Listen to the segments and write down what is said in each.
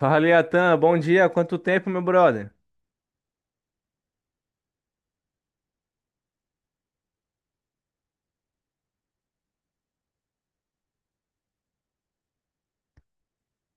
Fala, Iatan. Bom dia. Quanto tempo, meu brother?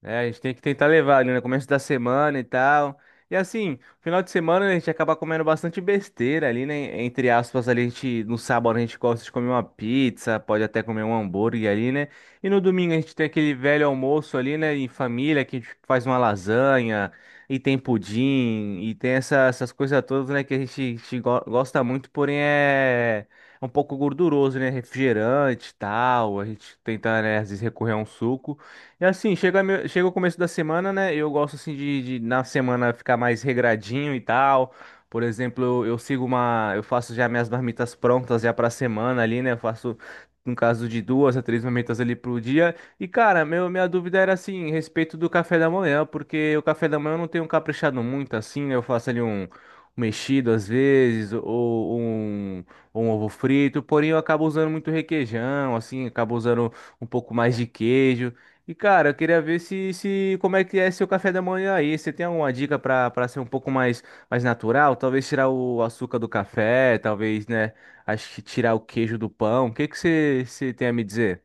É, a gente tem que tentar levar ali no começo da semana e tal. E assim, final de semana né, a gente acaba comendo bastante besteira ali, né? Entre aspas, ali a gente, no sábado a gente gosta de comer uma pizza, pode até comer um hambúrguer ali, né? E no domingo a gente tem aquele velho almoço ali, né? Em família, que a gente faz uma lasanha, e tem pudim, e tem essas coisas todas, né? Que a gente gosta muito, porém é um pouco gorduroso, né? Refrigerante e tal. A gente tenta, né, às vezes recorrer a um suco. E assim, chega o começo da semana, né? Eu gosto assim de na semana ficar mais regradinho e tal. Por exemplo, eu sigo uma. eu faço já minhas marmitas prontas já pra semana ali, né? Eu faço, no caso, de duas a três marmitas ali pro dia. E, cara, meu, minha dúvida era assim, a respeito do café da manhã, porque o café da manhã eu não tenho caprichado muito assim, né? Eu faço ali um mexido às vezes, ou um ovo frito, porém eu acabo usando muito requeijão, assim, acabo usando um pouco mais de queijo. E cara, eu queria ver se como é que é seu café da manhã aí. Você tem alguma dica para ser um pouco mais mais natural? Talvez tirar o açúcar do café, talvez, né? Acho que tirar o queijo do pão. O que que você tem a me dizer?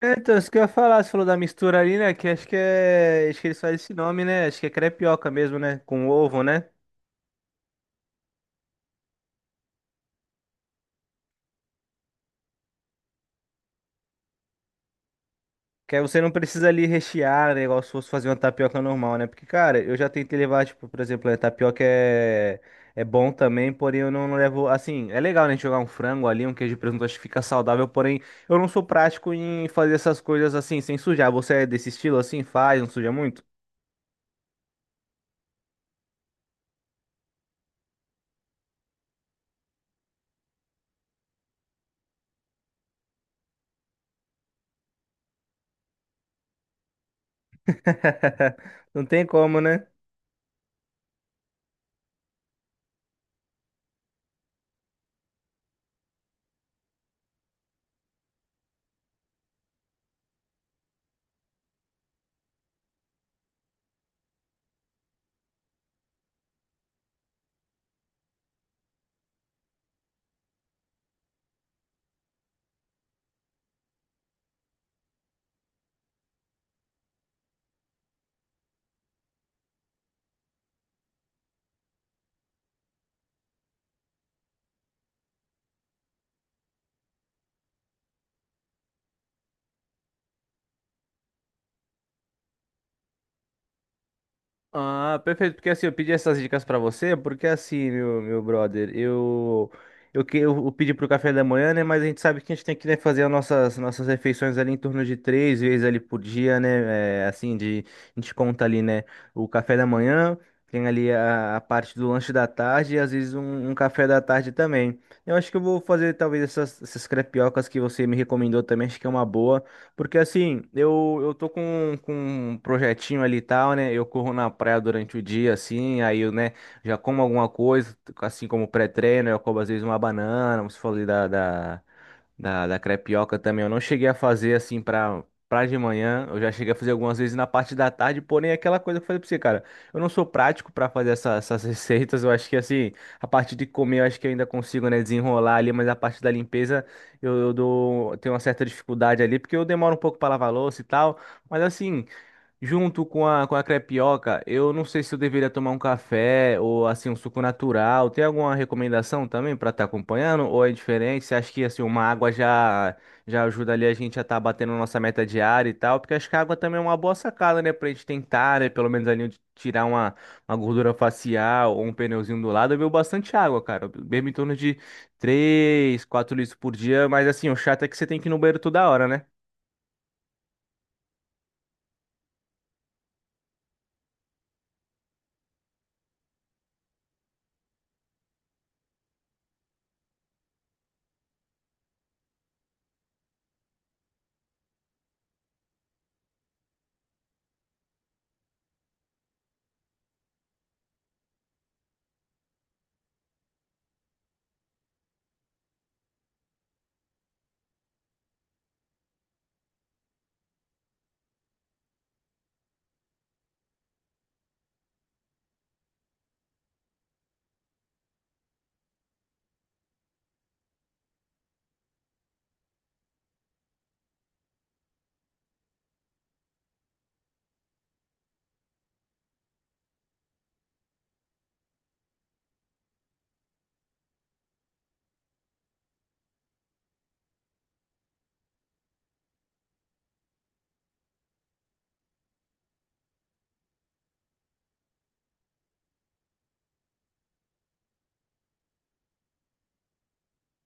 É, então, isso que eu ia falar, você falou da mistura ali, né? Que acho que é. Acho que eles fazem esse nome, né? Acho que é crepioca mesmo, né? Com ovo, né? Que aí você não precisa ali rechear, né, igual se fosse fazer uma tapioca normal, né? Porque, cara, eu já tentei levar, tipo, por exemplo, a tapioca é, é bom também, porém eu não levo. Assim, é legal, né? A gente jogar um frango ali, um queijo de presunto, acho que fica saudável, porém eu não sou prático em fazer essas coisas assim, sem sujar. Você é desse estilo assim? Faz, não suja muito? Não tem como, né? Ah, perfeito, porque assim, eu pedi essas dicas pra você, porque assim, meu brother, eu pedi pro café da manhã, né, mas a gente sabe que a gente tem que, né, fazer as nossas refeições ali em torno de três vezes ali por dia, né, é, assim, de, a gente conta ali, né, o café da manhã, tem ali a parte do lanche da tarde e às vezes um café da tarde também. Eu acho que eu vou fazer talvez essas crepiocas que você me recomendou também, acho que é uma boa. Porque assim, eu tô com um projetinho ali e tal, né? Eu corro na praia durante o dia, assim, aí eu, né, já como alguma coisa, assim como pré-treino, eu como às vezes uma banana, você falou ali da crepioca também. Eu não cheguei a fazer assim pra, pra de manhã, eu já cheguei a fazer algumas vezes na parte da tarde, porém é aquela coisa que eu falei pra você, cara, eu não sou prático pra fazer essas receitas, eu acho que assim, a parte de comer eu acho que eu ainda consigo, né, desenrolar ali, mas a parte da limpeza eu dou, tenho uma certa dificuldade ali, porque eu demoro um pouco para lavar louça e tal. Mas assim, junto com com a crepioca, eu não sei se eu deveria tomar um café ou assim um suco natural. Tem alguma recomendação também para estar acompanhando? Ou é diferente? Você acha que assim uma água já já ajuda ali a gente a estar batendo nossa meta diária e tal? Porque acho que a água também é uma boa sacada, né? Pra gente tentar, né? Pelo menos ali de tirar uma gordura facial ou um pneuzinho do lado. Eu bebo bastante água, cara. Eu bebo em torno de 3, 4 litros por dia. Mas assim, o chato é que você tem que ir no banheiro toda hora, né?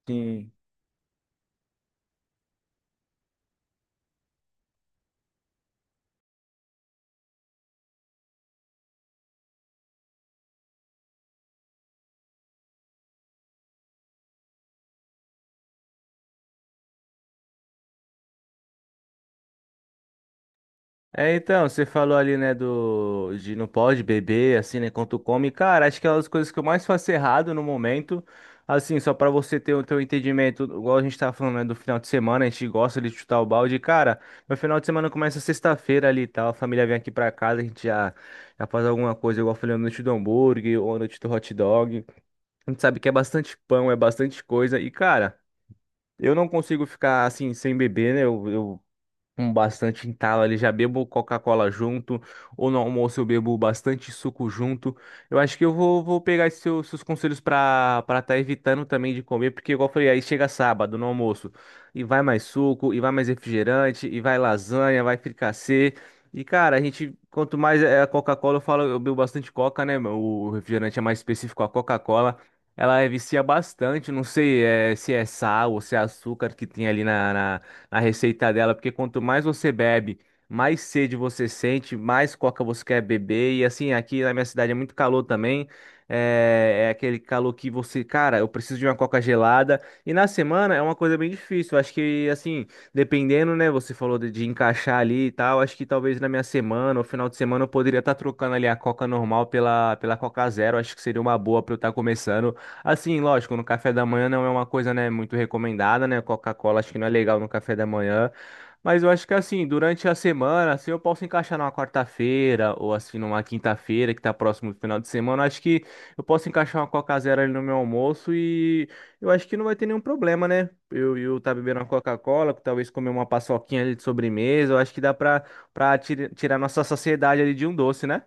Sim. É, então, você falou ali, né, do de não pode beber, assim, né, quando come. Cara, acho que é uma das coisas que eu mais faço errado no momento. Assim, só pra você ter o teu entendimento, igual a gente tava falando, né, do final de semana, a gente gosta de chutar o balde. Cara, meu final de semana começa sexta-feira ali e tal, a família vem aqui pra casa, a gente já, já faz alguma coisa, igual eu falei, a noite do hambúrguer ou a noite do hot dog. A gente sabe que é bastante pão, é bastante coisa. E, cara, eu não consigo ficar, assim, sem beber, né, eu com bastante entalo ali, já bebo Coca-Cola junto, ou no almoço eu bebo bastante suco junto. Eu acho que vou pegar esses seus conselhos pra para tá evitando também de comer, porque igual eu falei, aí chega sábado no almoço e vai mais suco, e vai mais refrigerante, e vai lasanha, vai fricassê. E cara, a gente, quanto mais é a Coca-Cola, eu falo, eu bebo bastante Coca, né? O refrigerante é mais específico, a Coca-Cola. Ela é, vicia bastante, não sei se é sal ou se é açúcar que tem ali na receita dela, porque quanto mais você bebe, mais sede você sente, mais coca você quer beber. E assim, aqui na minha cidade é muito calor também. É, é aquele calor que você, cara, eu preciso de uma coca gelada. E na semana é uma coisa bem difícil. Eu acho que, assim, dependendo, né? Você falou de encaixar ali e tal. Acho que talvez na minha semana ou final de semana eu poderia estar trocando ali a coca normal pela coca zero. Acho que seria uma boa para eu estar começando. Assim, lógico, no café da manhã não é uma coisa, né, muito recomendada, né? Coca-Cola acho que não é legal no café da manhã. Mas eu acho que assim, durante a semana, assim, eu posso encaixar numa quarta-feira ou assim numa quinta-feira que tá próximo do final de semana, eu acho que eu posso encaixar uma Coca Zero ali no meu almoço e eu acho que não vai ter nenhum problema, né? Eu tá bebendo uma Coca-Cola, talvez comer uma paçoquinha ali de sobremesa, eu acho que dá pra, tirar nossa saciedade ali de um doce, né?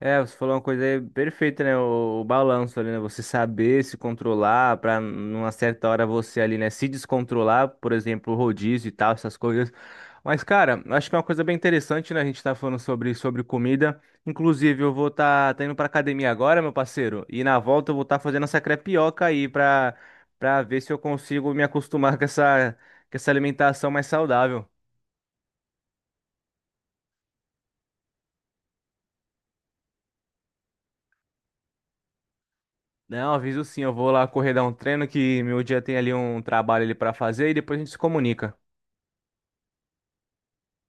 É, você falou uma coisa aí perfeita, né? O balanço ali, né? Você saber se controlar para numa certa hora você ali, né? Se descontrolar, por exemplo, o rodízio e tal, essas coisas. Mas, cara, eu acho que é uma coisa bem interessante, né? A gente tá falando sobre, sobre comida. Inclusive, eu vou estar tá indo pra academia agora, meu parceiro. E na volta eu vou estar fazendo essa crepioca aí pra, pra ver se eu consigo me acostumar com essa alimentação mais saudável. Não, aviso sim, eu vou lá correr dar um treino que meu dia tem ali um trabalho ali para fazer e depois a gente se comunica.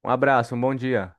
Um abraço, um bom dia.